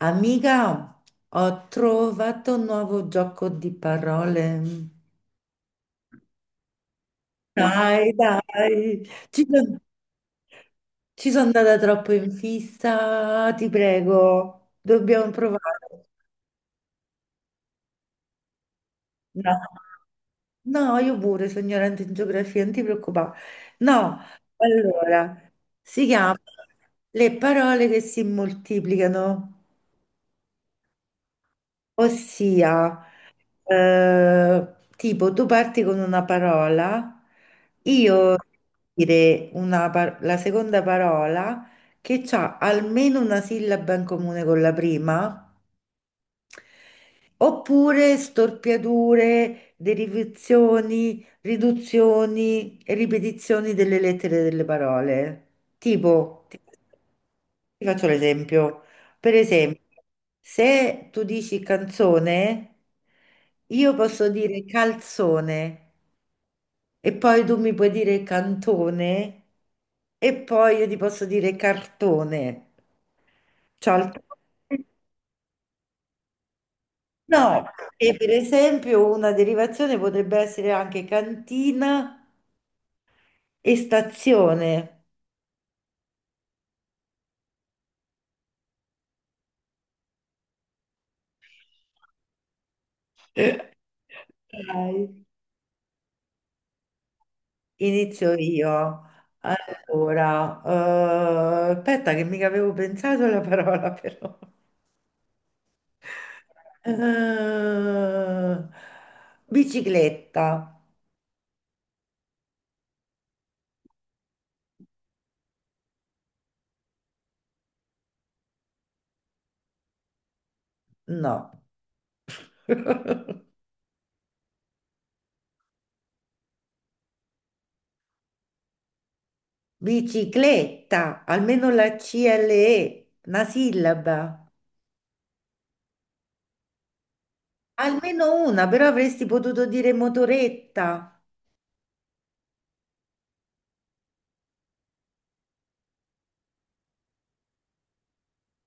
Amica, ho trovato un nuovo gioco di parole. Wow, dai, dai, ci sono andata troppo in fissa, ti prego, dobbiamo provare. No, no, io pure sono ignorante in geografia, non ti preoccupare. No, allora, si chiama le parole che si moltiplicano, ossia... Eh, tipo, tu parti con una parola, io dire una la seconda parola che ha almeno una sillaba in comune con la prima, oppure storpiature, derivazioni, riduzioni e ripetizioni delle lettere delle parole. Tipo, ti faccio l'esempio. Per esempio, se tu dici canzone, io posso dire calzone e poi tu mi puoi dire cantone e poi io ti posso dire cartone. Ciao. No, e per esempio una derivazione potrebbe essere anche cantina e stazione. Dai, inizio io. Allora, aspetta che mica avevo pensato alla parola però. Eh, bicicletta. No. Bicicletta, almeno la CLE, una sillaba. Almeno una, però avresti potuto dire motoretta.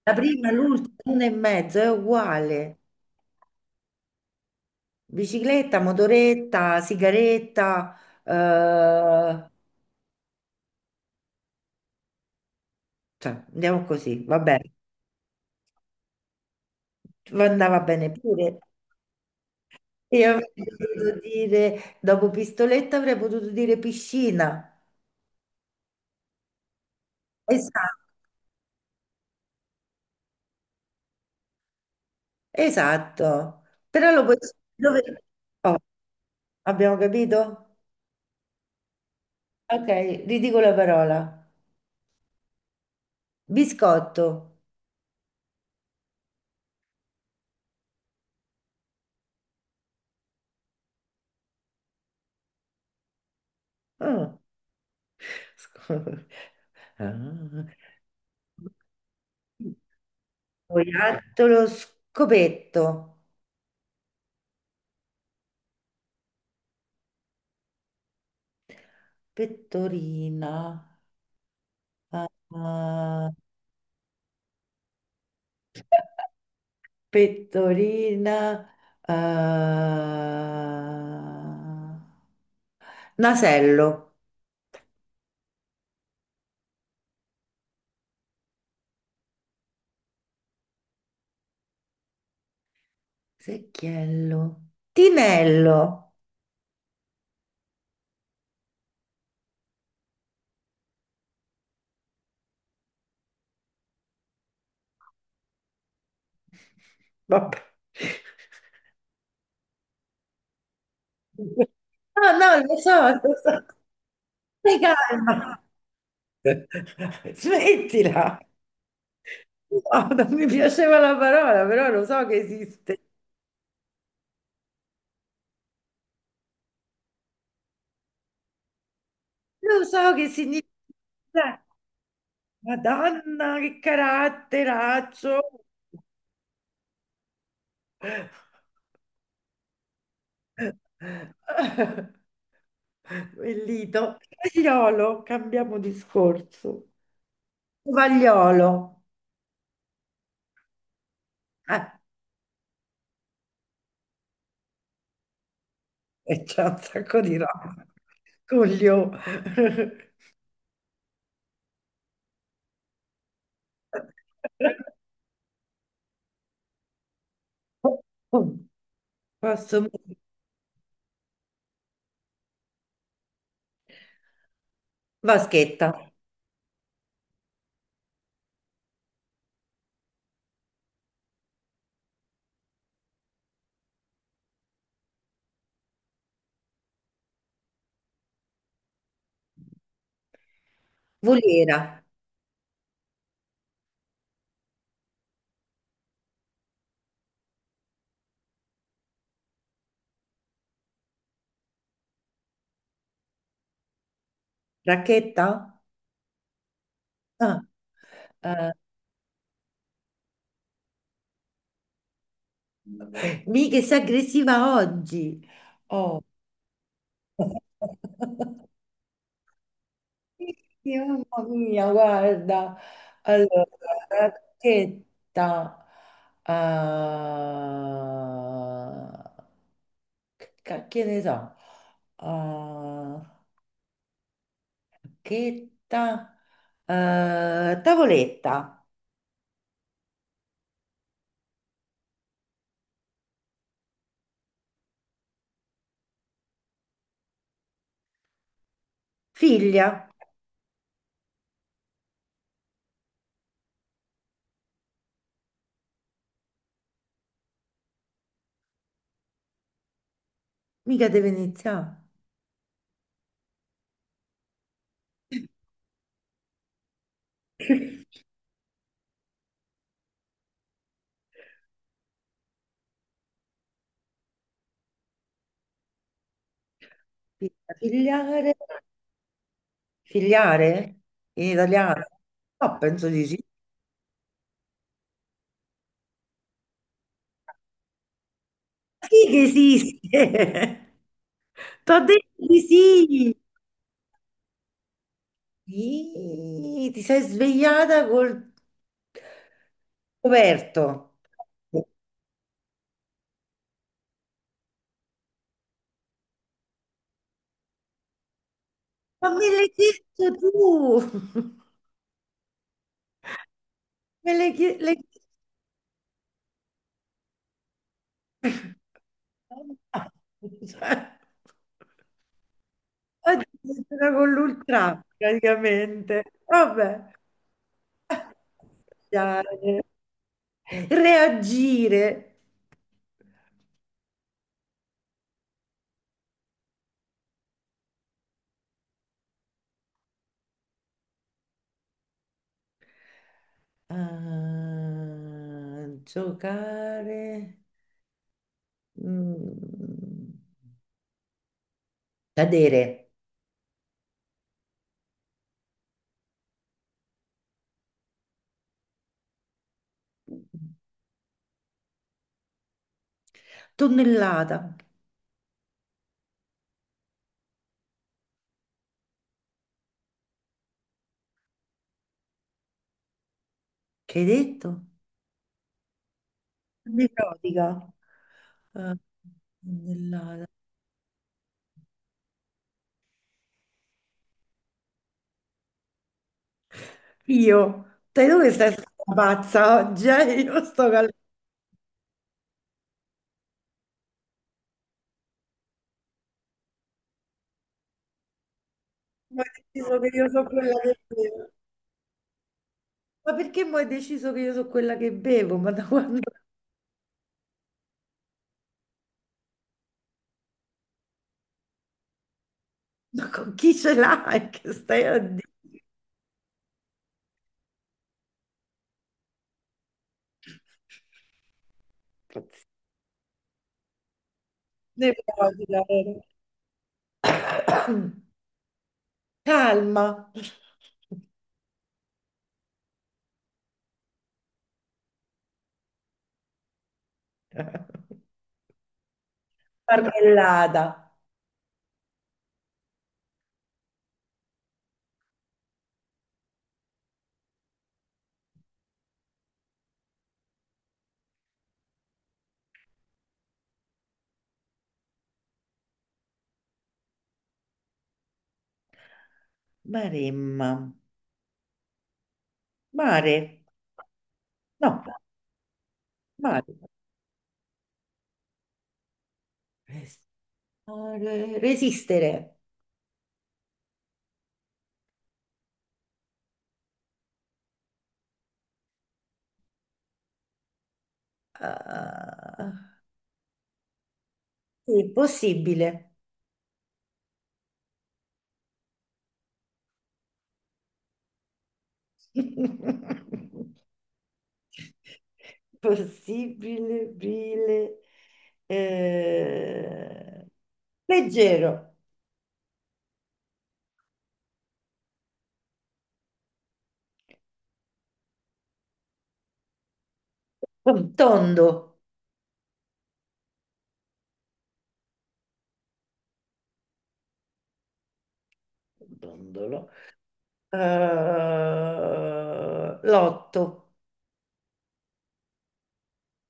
La prima, l'ultima, una e mezzo, è uguale. Bicicletta, motoretta, sigaretta, eh, cioè, andiamo così, va bene. Andava bene pure. Io avrei potuto dire, dopo pistoletta avrei potuto dire piscina. Esatto, esatto. Però lo puoi... Dove... Oh, abbiamo capito? Ok, ridico la parola. Biscotto. Mm. Sco- Ah. Scoiattolo, scopetto, pettorina, ah, ah, pettorina, ah, nasello, secchiello, tinello. Vabbè. No, no, lo so, lo so. Stai calma. Smettila! No, non mi piaceva la parola, però lo so che esiste. Lo so che significa. Madonna, che caratteraccio! Bellito. Cagliolo, cambiamo discorso. Tovagliolo. Eh, e c'è un sacco di roba. Coglio. Posso... Vaschetta. Volera, racchetta? Ah, eh, mica sei aggressiva oggi. Oh. Sì, mamma mia, guarda. Allora, racchetta. ah, che che ne so? Ah, racchetta. Tavoletta. Figlia. Mica deve iniziare. Figlia, figliare. Figliare? In sì. Italiano? No, penso di sì. Sì che esiste! T'ho detto di sì! Ih, ti sei svegliata col coperto. Ma me l'hai chiesto tu! Me l'hai l'hai chiesto... Oggi sono con l'ultra, praticamente. Vabbè. Dai. Reagire. Ah, giocare. Mm. Cadere. Tonnellata. Che hai detto? Nevrotica. Eh, tonnellata. Io, sai dove stai stata pazza oggi? Eh? Io sto calcolando. Mo' hai deciso che io sono quella che bevo. Ma perché mo' hai deciso che io sono quella che bevo? Ma da quando? Ma con chi ce l'hai? Che stai a dire? Nevrotica. Vero? Calma, marmellada, maremma, mare, no, mare, Res- resistere, ah, sì, possibile, possibile, bile, eh, leggero, tondo, tondolo, Eh, l'otto,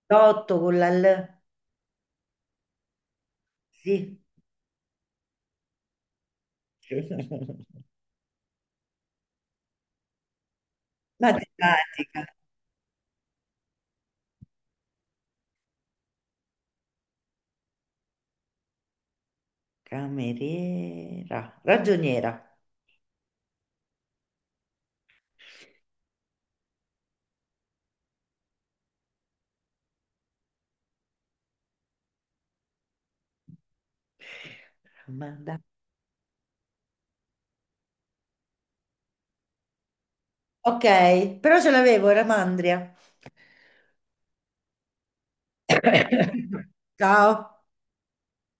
l'otto con la L, sì, matematica, cameriera, ragioniera. Ramanda- Ok, però ce l'avevo, Ramandria. Ciao.